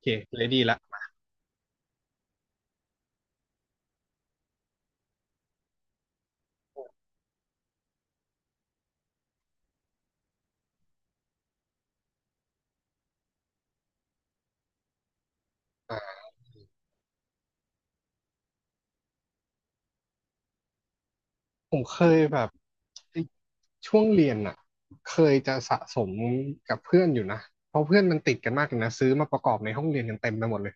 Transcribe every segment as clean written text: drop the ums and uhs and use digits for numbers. เคเลดี้ละอ่าผมเคยแบบช่วงเรียนอ่ะเคยจะสะสมกับเพื่อนอยู่นะเพราะเพื่อนมันติดกันมากเลยนะซื้อมาประกอบในห้องเรียนกันเต็มไปหมดเลย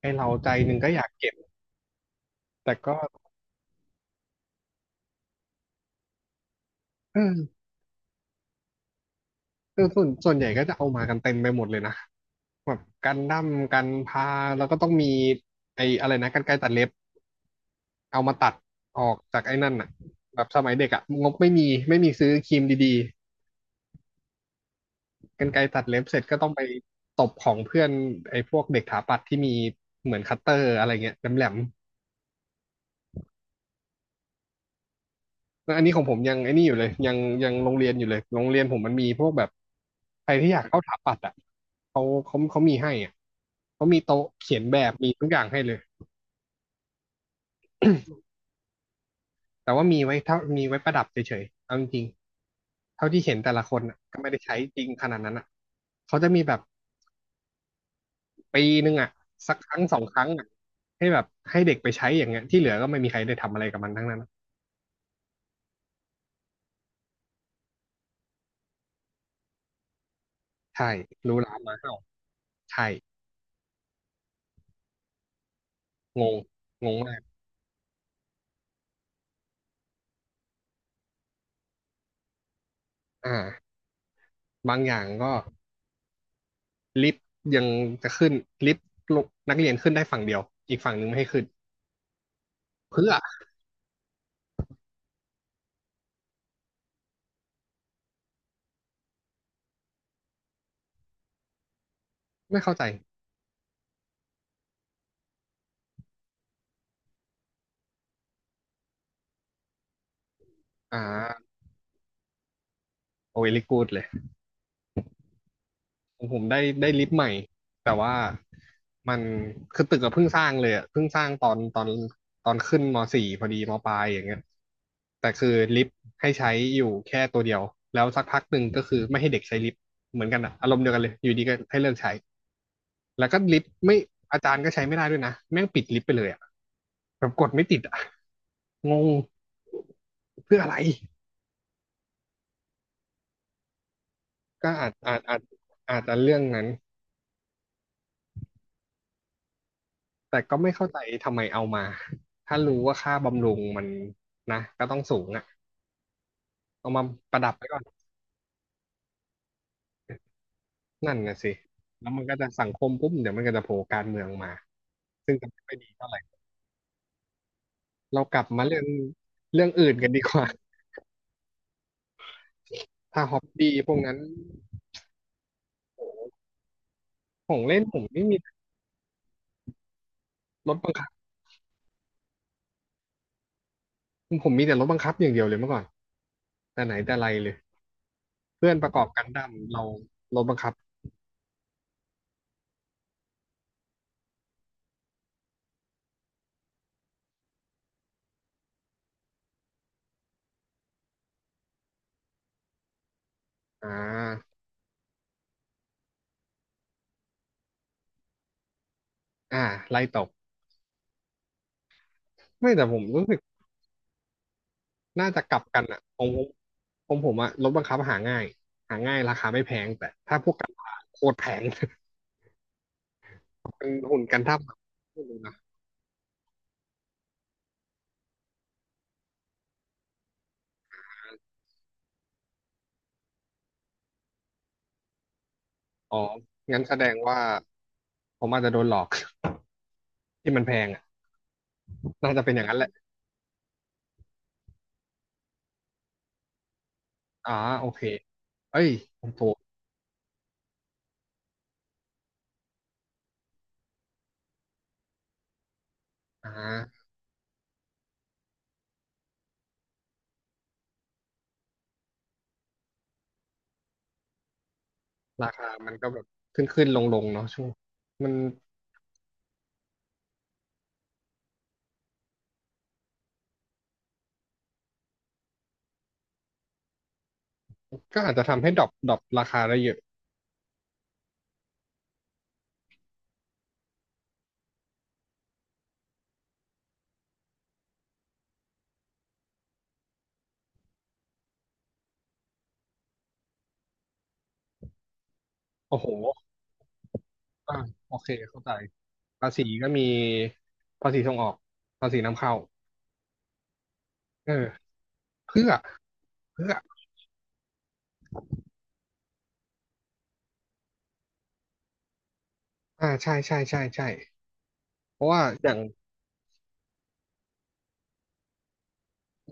ไอ้เราใจหนึ่งก็อยากเก็บแต่ก็เออเออส่วนใหญ่ก็จะเอามากันเต็มไปหมดเลยนะแบบกันดั้มกันพาแล้วก็ต้องมีไอ้อะไรนะกรรไกรตัดเล็บเอามาตัดออกจากไอ้นั่นอ่ะแบบสมัยเด็กอ่ะงบไม่มีไม่มีซื้อครีมดี กรรไกรตัดเล็บเสร็จก็ต้องไปตบของเพื่อนไอ้พวกเด็กถาปัดที่มีเหมือนคัตเตอร์อะไรเงี้ยแหลมๆแล้วอันนี้ของผมยังไอ้นี่อยู่เลยยังยังโรงเรียนอยู่เลยโรงเรียนผมมันมีพวกแบบใครที่อยากเข้าถาปัดอ่ะเขาเขามีให้อ่ะเขามีโต๊ะเขียนแบบมีทุกอย่างให้เลยแต่ว่ามีไว้เท่ามีไว้ประดับเฉยๆเอาจริงๆเท่าที่เห็นแต่ละคนน่ะก็ไม่ได้ใช้จริงขนาดนั้นอ่ะเขาจะมีแบบ ปีหนึ่งอ่ะสักครั้งสองครั้งอ่ะให้แบบให้เด็กไปใช้อย่างเงี้ยที่เหลือก็ไม่มีใครได้ทำอะไรกับมันทั้งนั้นใช่รู้ร้านมาเห่าใช่งงงงมากอ่าบางอย่างก็ลิฟต์ยังจะขึ้นลิฟต์ลงนักเรียนขึ้นได้ฝั่งเดียวอีกฝั่งหนึ่งไม่ให้ขึ้นเพื่อไม่เข้าใจอ่าโอเวลิกูดเลย ของผมได้ลิฟต์ใหม่แต่ว่ามันคือตึกก็เพิ่งสร้างเลยอ่ะเพิ่งสร้างตอนขึ้นมสี่พอดีมปลายอย่างเงี้ยแต่คือลิฟต์ให้ใช้อยู่แค่ตัวเดียวแล้วสักพักหนึ่งก็คือไม่ให้เด็กใช้ลิฟต์เหมือนกันอ่ะอารมณ์เดียวกันเลยอยู่ดีก็ให้เลิกใช้แล้วก็ลิฟต์ไม่อาจารย์ก็ใช้ไม่ได้ด้วยนะแม่งปิดลิฟต์ไปเลยอะแบบกดไม่ติดอ่ะงงเพื่ออะไรก็อาจจะเรื่องนั้น แต่ก็ไม่เข้าใจทำไมเอามา ถ้ารู้ว่าค่าบำรุงมันนะก็ต้องสูงอ่ะเอามาประดับไว้ก่อนนั่นนะสิแล้วมันก็จะสังคมปุ๊บเดี๋ยวมันก็จะโผล่การเมืองมาซึ่งจะไม่ค่อยดีเท่าไหร่เรากลับมาเรื่องเรื่องอื่นกันดีกว่า ถ้าฮอบบี้พวกนั้นของเล่นผมไม่มีรถบังคับผมมีแต่รถบังคับอย่างเดียวเลยเมื่อก่อนแต่ไหนแต่ไรเลยเพื่อนประกอบกันดั้มเรารถบังคับอ่าอ่าไล่ตกไม่แต่ผมรู้สึก น่าจะกลับกันอ่ะของผมของผมอะรถบังคับหาง่าย หาง่ายราคาไม่แพงแต่ถ้าพวกกันพาโคตรแพง เป็นหุ่นกันท่าแบบไม่รู้นะอ๋องั้นแสดงว่าผมอาจจะโดนหลอก ที่มันแพงอ่ะน่าจะเป็นอย่างนั้นแหละอ๋อโอเคเอ้ย ผมถูกอ่าราคามันก็แบบขึ้นขึ้นลงลงเนาะช่วงมันก็อาจจะทำให้ดรอปราคาได้เยอะโอ้โหอ่าโอเคเข้าใจภาษีก็มีภาษีส่งออกภาษีนำเข้าเออเพื่อ เพื่อใช่ใช่ใช่ใช่เพราะว่าอย่าง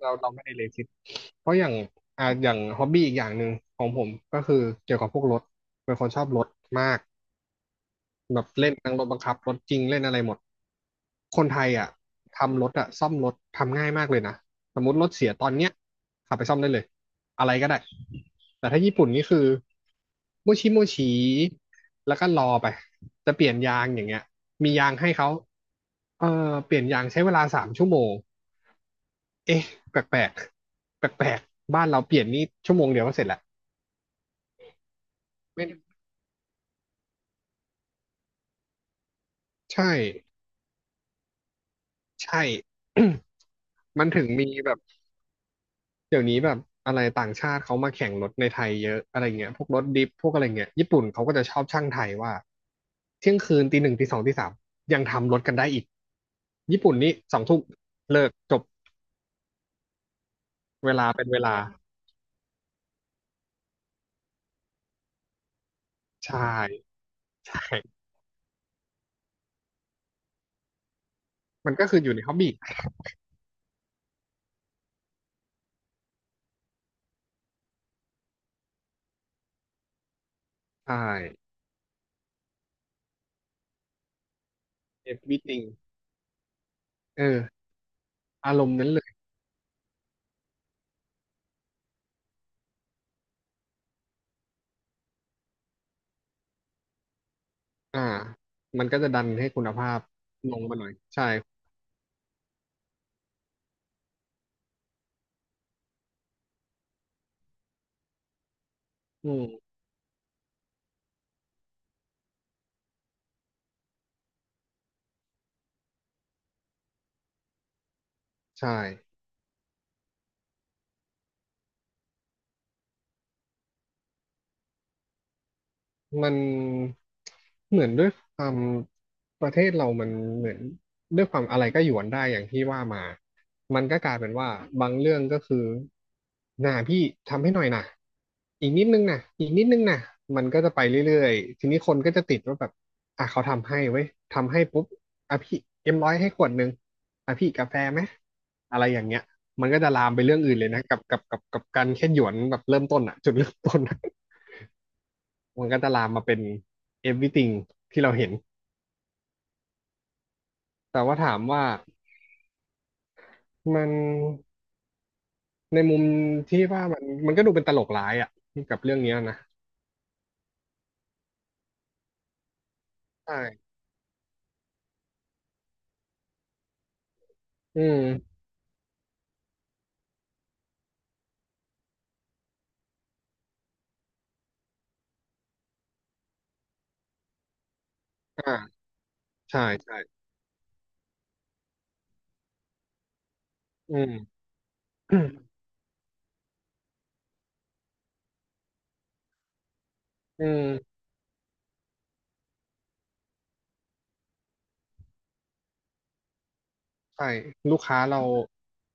เราไม่ได้เลสิตเพราะอย่างอย่างฮอบบี้อีกอย่างหนึ่งของผมก็คือเกี่ยวกับพวกรถ เป็นคนชอบรถมาก แบบเล่นทั้งรถบังคับรถจริงเล่นอะไรหมด คนไทยอ่ะทำรถอ่ะซ่อมรถทำง่ายมากเลยนะสมมติรถเสียตอนเนี้ยขับไปซ่อมได้เลยอะไรก็ได้แต่ถ้าญี่ปุ่นนี่คือโมชิโมชิแล้วก็รอไปจะเปลี่ยนยางอย่างเงี้ยมียางให้เขาเออเปลี่ยนยางใช้เวลา3 ชั่วโมงเอ๊ะแปลกแปลกแปลกแปลกๆบ้านเราเปลี่ยนนี่ชั่วโมงเดียวก็เสร็จแล้วไม่ใช่ใช่ มันถึงมีแบบ เดี๋ยวนี้แบบอะไรต่างชาติเขามาแข่งรถในไทยเยอะอะไรเงี้ยพวกรถดิฟพวกอะไรเงี้ย ญี่ปุ่นเขาก็จะชอบช่างไทยว่าเที่ยงคืนตี 1 ตี 2 ตี 3ยังทำรถกันได้อีกญี่ปุ่นนี่2 ทุ่มเลิกจบเวลาเป็นเวลาใช่ใช่มันก็คืออยู่ในฮอบบี้ใช่ everything เอออารมณ์นั้นเลยอ่ามันก็จะดันให้คุณภาพลงมาหน่อยใช่อืมใช่ มันเหมือนด้วยความประเทศเรามันเหมือนด้วยความอะไรก็หยวนได้อย่างที่ว่ามามันก็กลายเป็นว่าบางเรื่องก็คือน่ะพี่ทำให้หน่อยนะอีกนิดนึงนะอีกนิดนึงนะมันก็จะไปเรื่อยๆทีนี้คนก็จะติดว่าแบบอ่ะเขาทำให้เว้ยทำให้ปุ๊บอ่ะพี่เอ็มร้อยให้ขวดนึงอ่ะพี่กาแฟไหมอะไรอย่างเงี้ยมันก็จะลามไปเรื่องอื่นเลยนะกับการแค่หยวนแบบเริ่มต้นอะจุดเริ่มต้นอะ มันก็จะลามมาเป็น everything ที่เราเห็น แต่ว่าถามว่ามันในมุมที่ว่ามันก็ดูเป็นตลกร้ายอ่ะกับเรื่องเนี้ยนะใช่อืมอ่าใช่ใช่อืมอืมใช่ลูกค้าเรา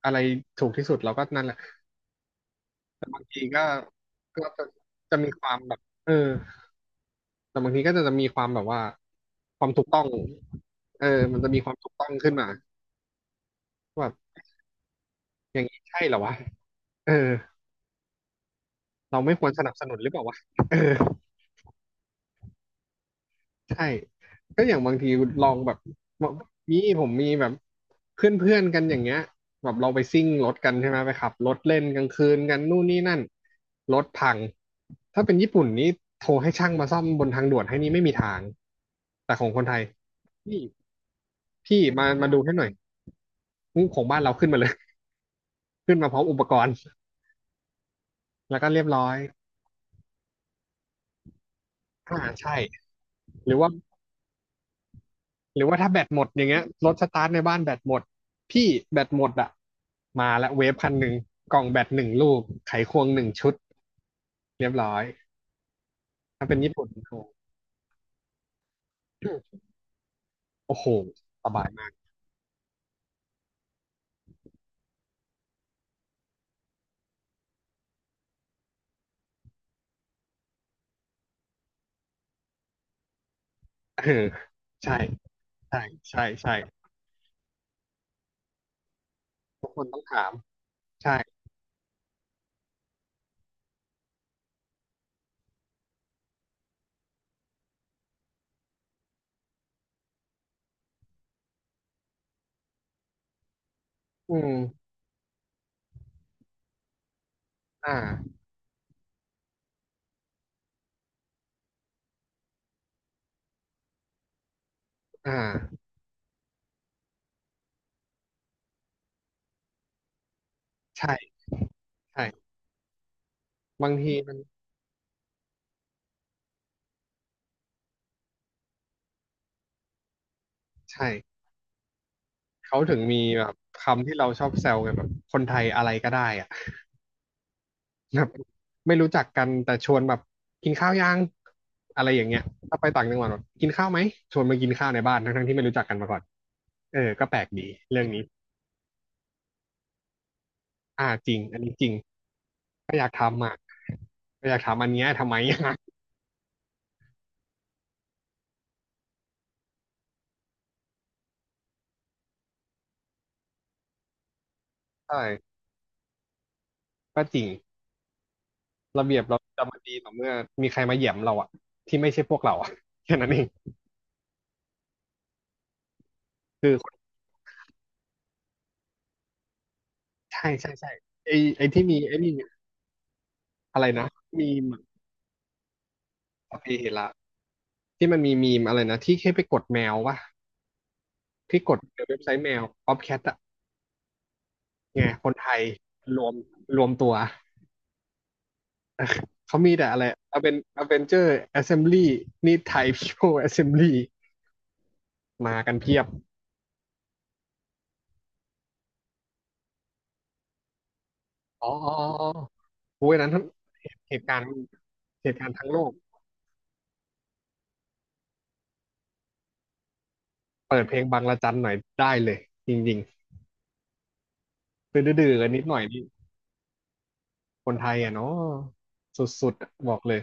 อะไรถูกที่สุดเราก็นั่นแหละ แต่บางทีก็ก็จะมีความแบบเออแต่บางทีก็จะมีความแบบว่าความถูกต้องเออมันจะมีความถูกต้องขึ้นมาว่าแบบอย่างนี้ใช่เหรอวะเออ เราไม่ควรสนับสนุนหรือเปล่าวะเออใช่ก็อย่างบางทีลองแบบกมีผมมีแบบเพื่อนเพื่อนกันอย่างเงี้ยแบบเราไปซิ่งรถกันใช่ไหมไปขับรถเล่นกลางคืนกันนู่นนี่นั่นรถพังถ้าเป็นญี่ปุ่นนี่โทรให้ช่างมาซ่อมบนทางด่วนให้นี่ไม่มีทางแต่ของคนไทยพี่พี่มามาดูให้หน่อยของบ้านเราขึ้นมาเลย ขึ้นมาพร้อมอุปกรณ์แล้วก็เรียบร้อยอ่าใช่หรือว่า หรือว่าถ้าแบตหมดอย่างเงี้ยรถสตาร์ทในบ้านแบตหมดพี่แบตหมดอ่ะมาละเวฟพันหนึ่งกล่องแบตหนึ่งลูกไขควงหนึ่งชุดเรียบร้อยถ้าเป็นญี่ปุ่น โอ้โหโอ้โหสบายมาก เออใช่ใช่ใช่ใช่ต้องถามใช่อืมอ่าอ่าใช่ใช่บางทีมันใช่เขาถึงมีแบบคำที่เราชอบแซวกันแบบคนไทยอะไรก็ได้อ่ะ แบบไม่รู้จักกันแต่ชวนแบบกินข้าวยังอะไรอย่างเงี้ยถ้าไปต่างจังหวัดแบบกินข้าวไหมชวนมากินข้าวในบ้านทั้งๆที่ไม่รู้จักกันมาก่อนเออก็แปลกดีเรื่องนี้อ่าจริงอันนี้จริงก็อยากถามอันเนี้ยทำไม ใช่ก็จริงระเบียบเราจะมาดีต่อเมื่อมีใครมาเหยียบเราอะที่ไม่ใช่พวกเราอะ แค่นั้นเองคือคนใช่ใช่ใช่ไอไอที่มีไอนี่อะไรนะมีมอะเพเหระที่มันมีมอะไรนะที่แค่ไปกดแมววะที่กดในเว็บไซต์แมว o ๊อ c แคทอะ ไงคนไทยรวมรวมตัว เขามีแต่อะไรเอาเป็นเจอร์แอสเซมบลีนี่ไทยพีโพแอสเซมบลีมากันเพียบอ๋ออ๋ออ๋อโอ้ยนั้นเหตุการณ์เหตุการณ์ทั้งโลกเปิดเพลงบังระจันหน่อยได้เลยจริงๆดื้อๆกันนิดหน่อยนี่คนไทยอ่ะเนาะสุดๆอะบอกเลย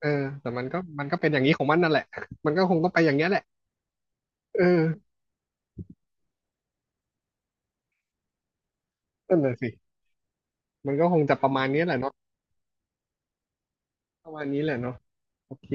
เออแต่มันก็เป็นอย่างนี้ของมันนั่นแหละมันก็คงต้องไปอย่างเงี้ยแหละเออนั่นแหละสิมันก็คงจะประมาณนี้แหละเนาะประมาณนี้แหละเนาะโอเค